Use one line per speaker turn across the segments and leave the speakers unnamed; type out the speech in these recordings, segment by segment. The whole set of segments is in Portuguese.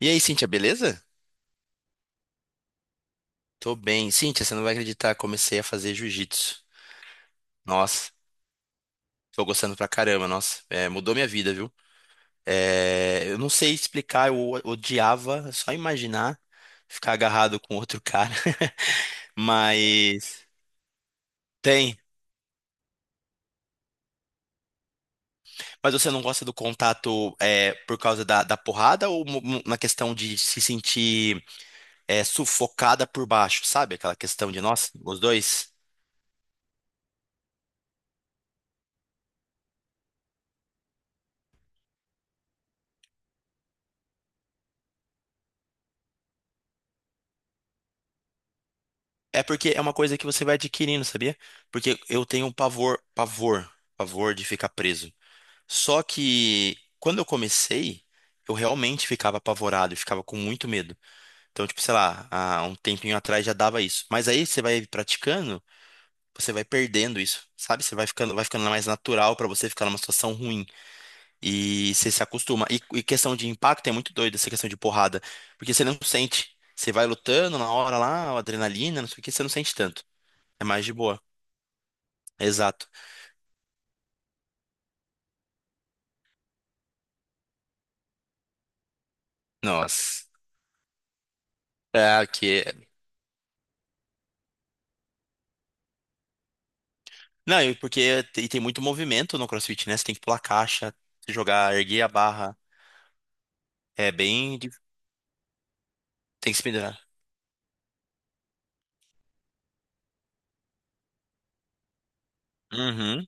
E aí, Cíntia, beleza? Tô bem. Cíntia, você não vai acreditar, comecei a fazer jiu-jitsu. Nossa, tô gostando pra caramba, nossa. Mudou minha vida, viu? Eu não sei explicar, odiava é só imaginar ficar agarrado com outro cara. Mas tem. Mas você não gosta do contato por causa da porrada ou na questão de se sentir sufocada por baixo, sabe? Aquela questão de, nossa, os dois. É porque é uma coisa que você vai adquirindo, sabia? Porque eu tenho um pavor, pavor, pavor de ficar preso. Só que quando eu comecei, eu realmente ficava apavorado, eu ficava com muito medo. Então, tipo, sei lá, há um tempinho atrás já dava isso. Mas aí você vai praticando, você vai perdendo isso, sabe? Você vai ficando mais natural pra você ficar numa situação ruim e você se acostuma. E questão de impacto é muito doido essa questão de porrada, porque você não sente. Você vai lutando na hora lá, adrenalina, não sei o que, você não sente tanto. É mais de boa. Exato. Nossa. É, que... Não, e e tem muito movimento no CrossFit, né? Você tem que pular caixa, jogar, erguer a barra. É bem. Tem que se pendurar. Uhum.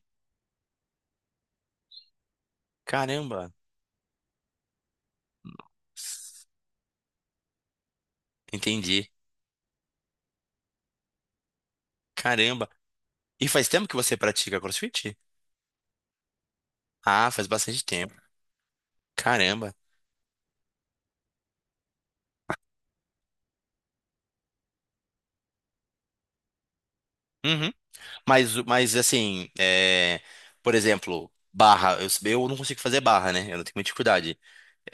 Caramba. Entendi. Caramba. E faz tempo que você pratica CrossFit? Ah, faz bastante tempo. Caramba. Uhum. Mas, mas assim, é, por exemplo, barra. Eu não consigo fazer barra, né? Eu não tenho muita dificuldade.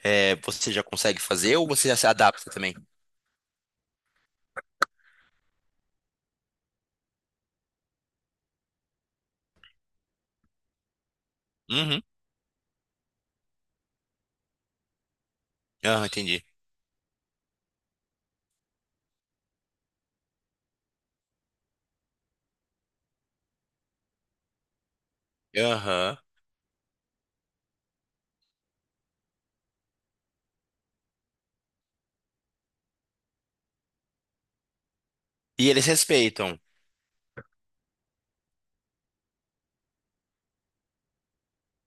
É, você já consegue fazer ou você já se adapta também? Uhum. Aham, entendi. Aham. E eles respeitam.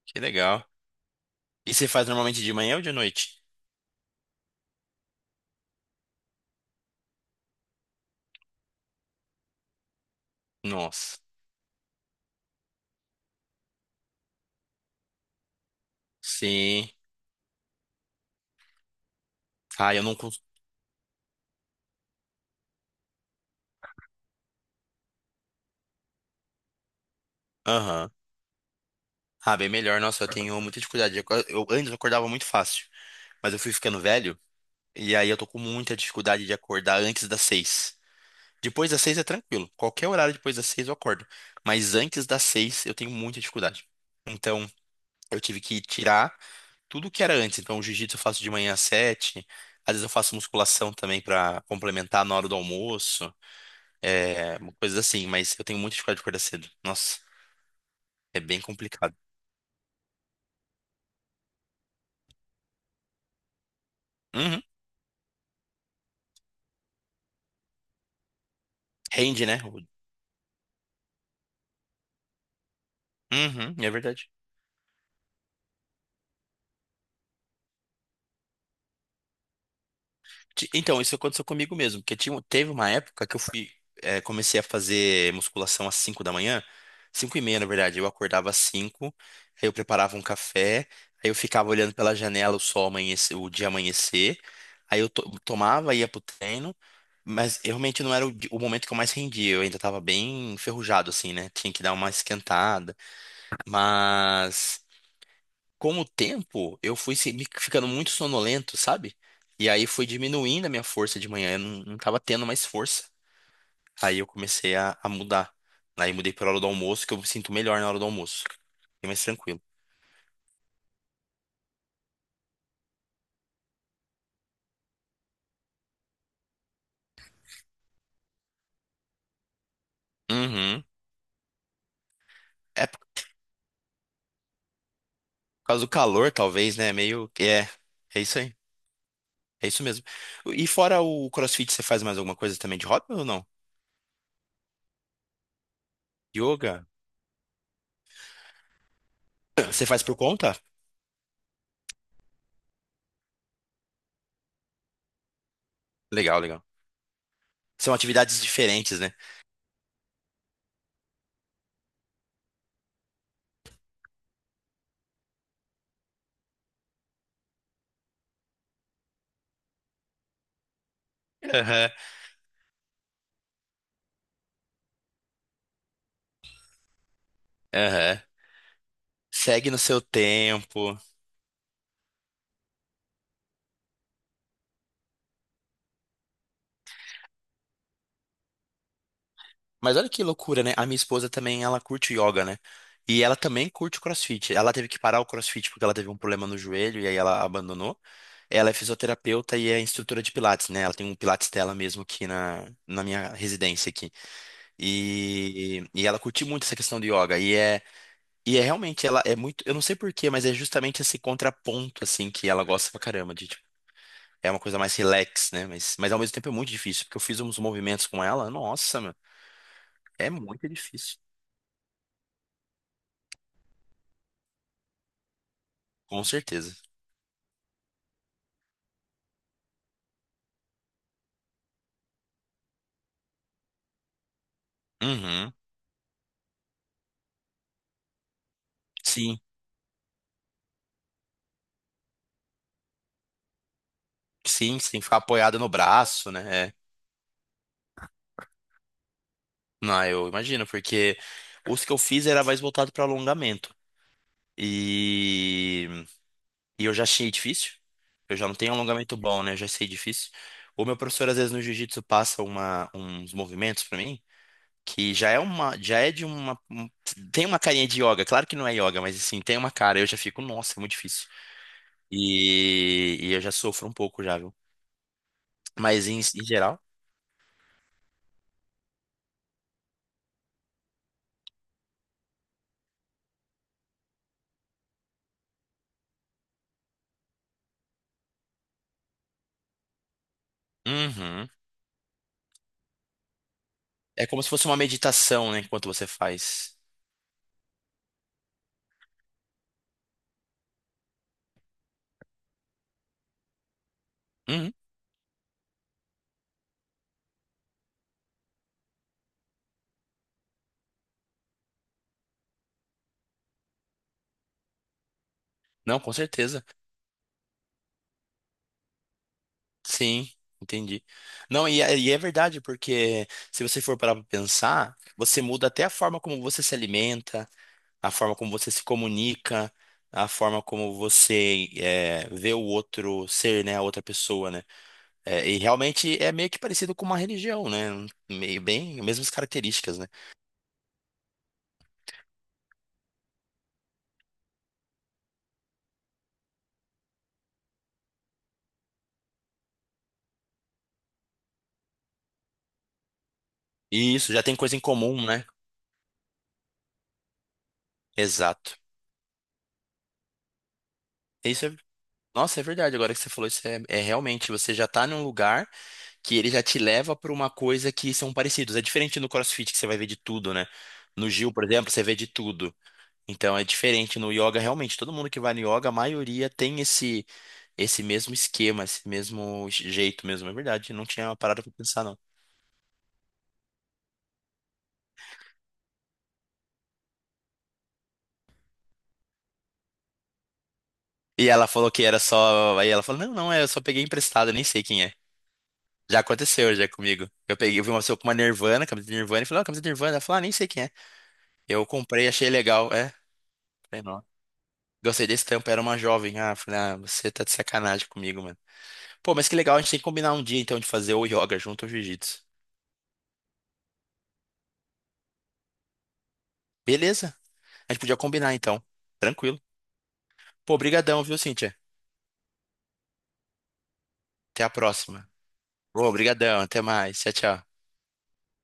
Que legal. E você faz normalmente de manhã ou de noite? Nossa. Sim. Ah, eu não cons... Aham. Ah, bem melhor. Nossa, eu tenho muita dificuldade. Eu, antes eu acordava muito fácil, mas eu fui ficando velho e aí eu tô com muita dificuldade de acordar antes das seis. Depois das seis é tranquilo. Qualquer horário depois das seis eu acordo. Mas antes das seis eu tenho muita dificuldade. Então, eu tive que tirar tudo que era antes. Então, o jiu-jitsu eu faço de manhã às sete. Às vezes eu faço musculação também pra complementar na hora do almoço. É, uma coisa assim, mas eu tenho muito dificuldade de acordar cedo. Nossa, é bem complicado. Uhum. Rende, né? Uhum, é verdade. Então, isso aconteceu comigo mesmo, porque tinha, teve uma época que comecei a fazer musculação às 5 da manhã, 5 e meia, na verdade. Eu acordava às 5, aí eu preparava um café, aí eu ficava olhando pela janela o sol amanhecer, o dia amanhecer, aí tomava, ia pro treino, mas eu realmente não era o momento que eu mais rendia, eu ainda tava bem enferrujado, assim, né? Tinha que dar uma esquentada, mas com o tempo, eu fui ficando muito sonolento, sabe? E aí foi diminuindo a minha força de manhã, eu não, não tava tendo mais força. Aí eu comecei a mudar. Aí mudei pra hora do almoço, que eu me sinto melhor na hora do almoço. Fiquei mais tranquilo. Uhum. É por causa do calor, talvez, né? Meio que é. É isso aí. É isso mesmo. E fora o CrossFit, você faz mais alguma coisa também de hobby ou não? Yoga? Você faz por conta? Legal, legal. São atividades diferentes, né? Aham, aham. Segue no seu tempo. Mas olha que loucura, né? A minha esposa também, ela curte yoga, né? E ela também curte CrossFit. Ela teve que parar o CrossFit porque ela teve um problema no joelho e aí ela abandonou. Ela é fisioterapeuta e é instrutora de Pilates, né? Ela tem um Pilates dela mesmo aqui na minha residência aqui. E ela curte muito essa questão do yoga. E é realmente, ela é muito, eu não sei por quê, mas é justamente esse contraponto, assim, que ela gosta pra caramba de, tipo, é uma coisa mais relax, né? Mas ao mesmo tempo é muito difícil, porque eu fiz uns movimentos com ela, nossa, meu, é muito difícil. Com certeza. Uhum. Sim, sim, sim, ficar apoiado no braço, né? É. Não, eu imagino, porque os que eu fiz era mais voltado para alongamento. E... e eu já achei difícil. Eu já não tenho alongamento bom, né? Eu já sei difícil. O meu professor, às vezes, no jiu-jitsu passa uma... uns movimentos para mim, que já é uma. Já é de uma. Tem uma carinha de yoga. Claro que não é yoga, mas assim, tem uma cara. Eu já fico, nossa, é muito difícil. E eu já sofro um pouco já, viu? Mas em geral. Uhum. É como se fosse uma meditação, né, enquanto você faz. Uhum. Não, com certeza. Sim, entendi. Não, e é verdade, porque se você for parar para pensar, você muda até a forma como você se alimenta, a forma como você se comunica, a forma como você vê o outro ser, né, a outra pessoa, né? É, e realmente é meio que parecido com uma religião, né? Meio bem, mesmas características, né? E isso já tem coisa em comum, né? Exato. Isso é nossa, é verdade. Agora que você falou isso, é realmente você já tá num lugar que ele já te leva para uma coisa que são parecidos. É diferente no CrossFit que você vai ver de tudo, né? No Gil, por exemplo, você vê de tudo. Então é diferente no yoga, realmente. Todo mundo que vai no yoga, a maioria tem esse esse mesmo esquema, esse mesmo jeito mesmo. É verdade. Não tinha parado pra pensar, não. E ela falou que era só. Aí ela falou: Não, não, é, eu só peguei emprestado, eu nem sei quem é. Já aconteceu já comigo. Eu peguei, eu vi uma pessoa com uma Nirvana, camiseta de Nirvana, e falei: Ó, camiseta de Nirvana. Ela falou: Ah, nem sei quem é. Eu comprei, achei legal. É. Sei não. Gostei desse tempo era uma jovem. Ah, falei, ah, você tá de sacanagem comigo, mano. Pô, mas que legal, a gente tem que combinar um dia então de fazer ou yoga junto ou jiu-jitsu. Beleza, a gente podia combinar então. Tranquilo. Pô, brigadão, viu, Cíntia? Até a próxima. Pô, brigadão, até mais. Tchau, tchau.